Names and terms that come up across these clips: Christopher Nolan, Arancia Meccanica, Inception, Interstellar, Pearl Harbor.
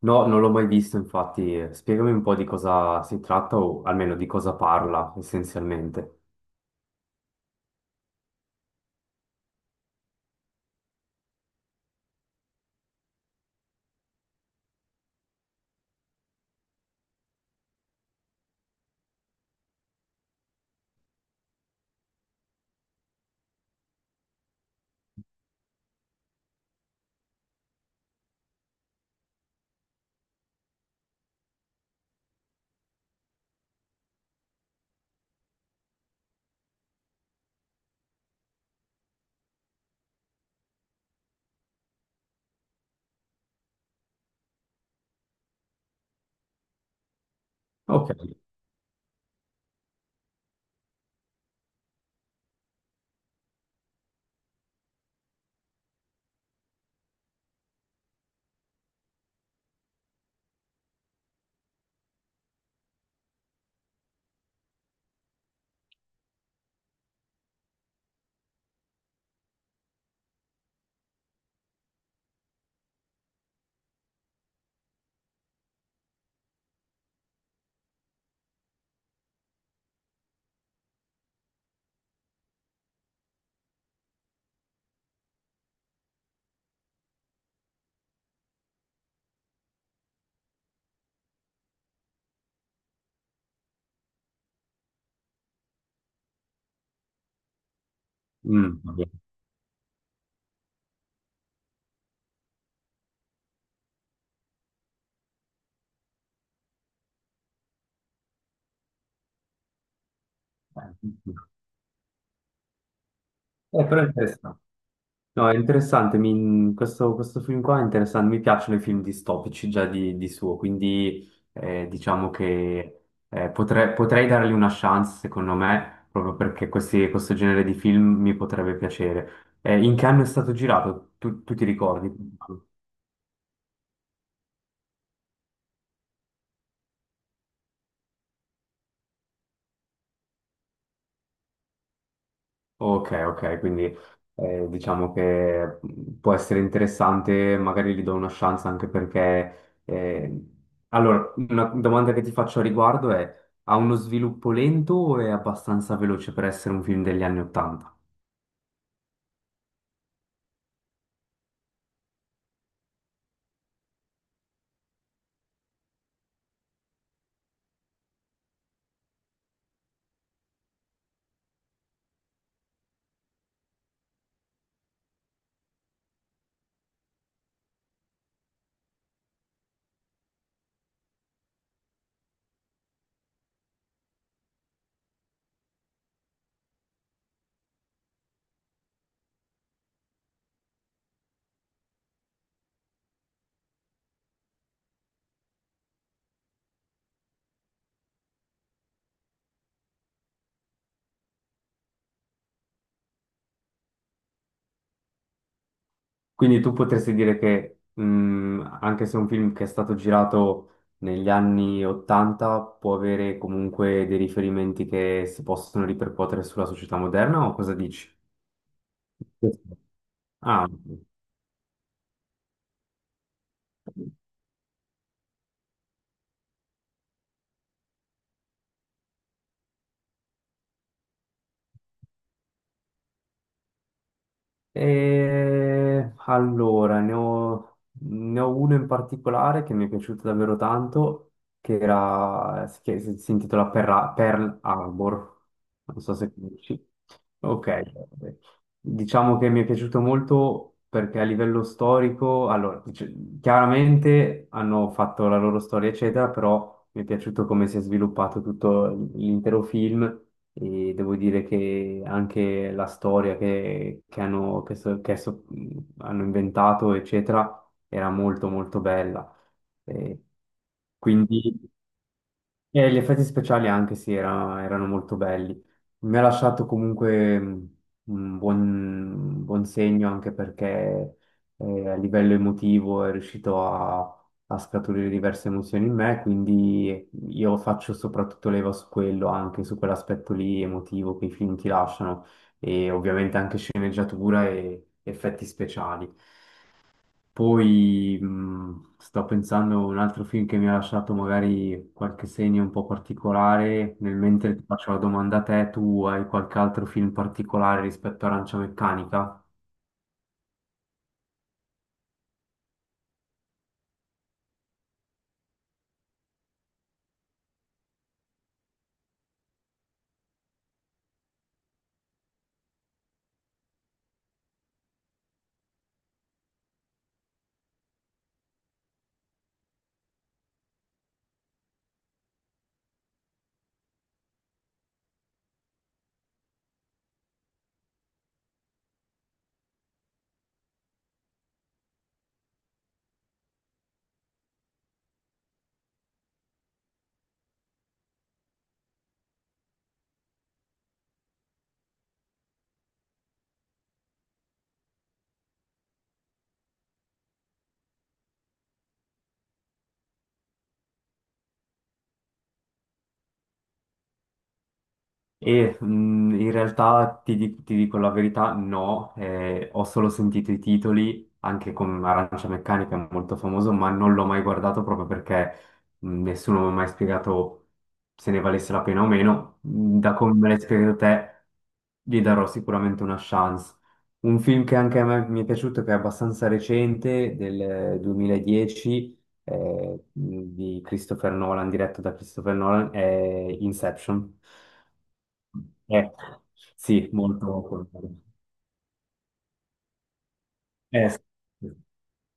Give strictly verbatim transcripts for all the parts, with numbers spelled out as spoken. No, non l'ho mai visto, infatti. Spiegami un po' di cosa si tratta o almeno di cosa parla essenzialmente. Ok. Mm, va bene. Eh, però è interessante. No, è interessante. Mi- questo, questo film qua è interessante. Mi piacciono i film distopici già di, di suo, quindi eh, diciamo che eh, potrei, potrei dargli una chance, secondo me, proprio perché questi- questo genere di film mi potrebbe piacere. Eh, in che anno è stato girato? Tu, tu ti ricordi? Ok, ok, quindi eh, diciamo che mh, può essere interessante, magari gli do una chance anche perché... eh, Allora, una domanda che ti faccio a riguardo è, ha uno sviluppo lento o è abbastanza veloce per essere un film degli anni Ottanta? Quindi tu potresti dire che, mh, anche se è un film che è stato girato negli anni Ottanta, può avere comunque dei riferimenti che si possono ripercuotere sulla società moderna o cosa dici? Sì. Ah, ok. E allora, ne ho, ne ho uno in particolare che mi è piaciuto davvero tanto, che era, che si si intitola Perla- Pearl Harbor, non so se conosci. Ok, diciamo che mi è piaciuto molto perché a livello storico, allora, dic- chiaramente hanno fatto la loro storia, eccetera, però mi è piaciuto come si è sviluppato tutto l'intero film e devo dire che anche la storia che, che hanno, che so- che so- hanno inventato, eccetera, era molto molto bella. Eh, quindi e gli effetti speciali anche sì, era- erano molto belli. Mi ha lasciato comunque mh, un buon, un buon segno anche perché eh, a livello emotivo è riuscito a, a scaturire diverse emozioni in me, quindi io faccio soprattutto leva su quello, anche su quell'aspetto lì emotivo che i film ti lasciano e ovviamente anche sceneggiatura e effetti speciali. Poi mh, sto pensando a un altro film che mi ha lasciato magari qualche segno un po' particolare, nel mentre ti faccio la domanda a te, tu hai qualche altro film particolare rispetto a Arancia Meccanica? E mh, in realtà ti, di- ti dico la verità, no, eh, ho solo sentito i titoli, anche con Arancia Meccanica è molto famoso, ma non l'ho mai guardato proprio perché mh, nessuno mi ha mai spiegato se ne valesse la pena o meno. Mh, Da come me l'hai spiegato te, gli darò sicuramente una chance. Un film che anche a me mi è piaciuto, che è abbastanza recente, del duemiladieci, eh, di Christopher Nolan, diretto da Christopher Nolan, è Inception. Eh, sì, molto. Folklore. Eh, sì. Sì.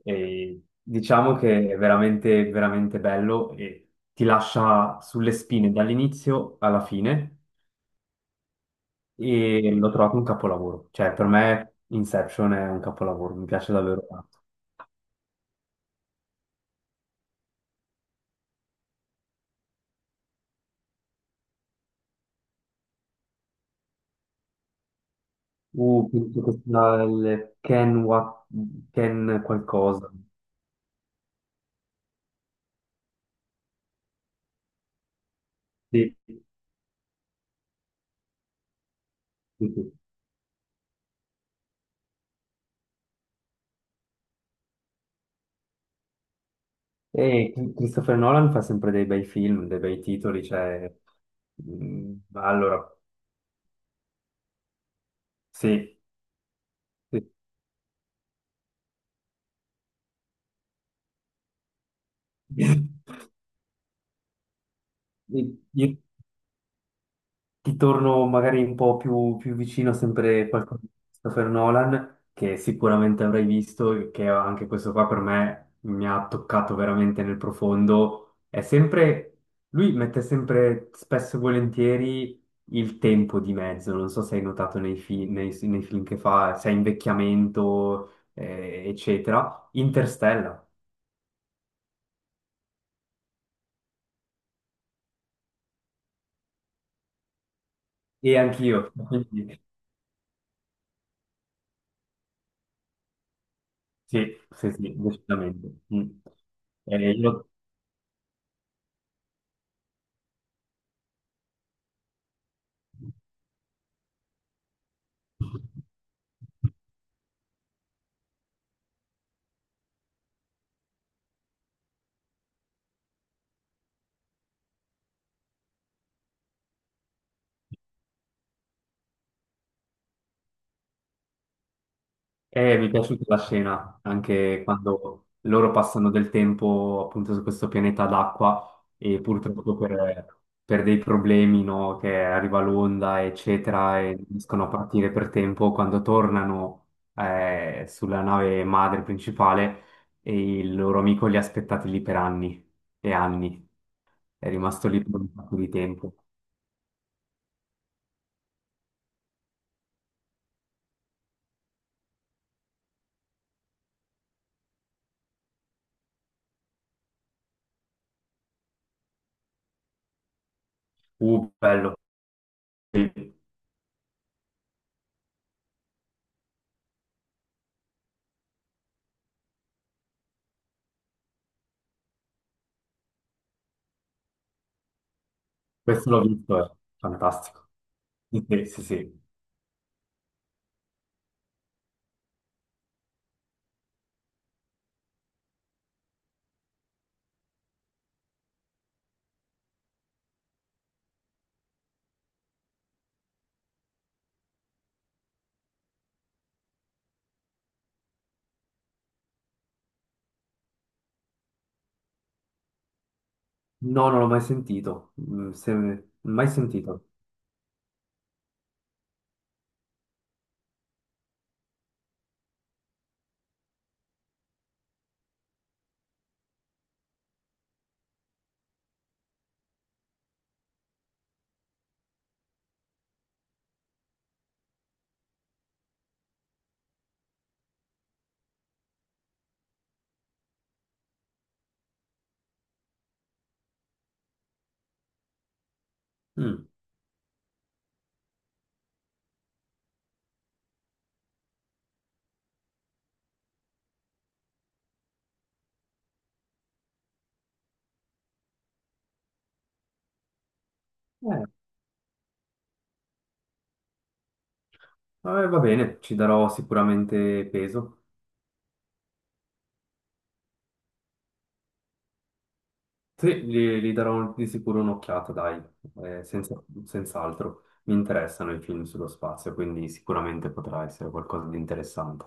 E diciamo che è veramente, veramente bello e ti lascia sulle spine dall'inizio alla fine e l'ho trovato un capolavoro. Cioè, per me Inception è un capolavoro, mi piace davvero tanto. Uh, penso che sia il Ken, Wa- Ken qualcosa. Sì, sì, sì. E Chi- Christopher Nolan fa sempre dei bei film, dei bei titoli, cioè... Mm, allora, sì, sì. Io io ti torno magari un po' più, più vicino, sempre qualcosa di Christopher Nolan, che sicuramente avrai visto, e che anche questo qua per me mi ha toccato veramente nel profondo. È sempre, lui mette sempre spesso e volentieri il tempo di mezzo, non so se hai notato nei, fi- nei- nei film che fa, se è invecchiamento, eh, eccetera. Interstellar. E anch'io. Sì, sì, sì, decisamente. Mm. Eh, io- eh, mi è piaciuta la scena, anche quando loro passano del tempo appunto su questo pianeta d'acqua e purtroppo per, per dei problemi, no, che arriva l'onda, eccetera, e non riescono a partire per tempo, quando tornano eh, sulla nave madre principale e il loro amico li ha aspettati lì per anni e anni, è rimasto lì per un sacco di tempo. Uh, bello. Sì. Questo l'ho visto, è fantastico. Sì, sì, sì. No, non l'ho mai sentito. Mm, se- mai sentito. Mm. Eh, vabbè, va bene, ci darò sicuramente peso. Sì, gli, gli darò di sicuro un'occhiata, dai, Eh, senza- senz'altro. Mi interessano i film sullo spazio, quindi sicuramente potrà essere qualcosa di interessante.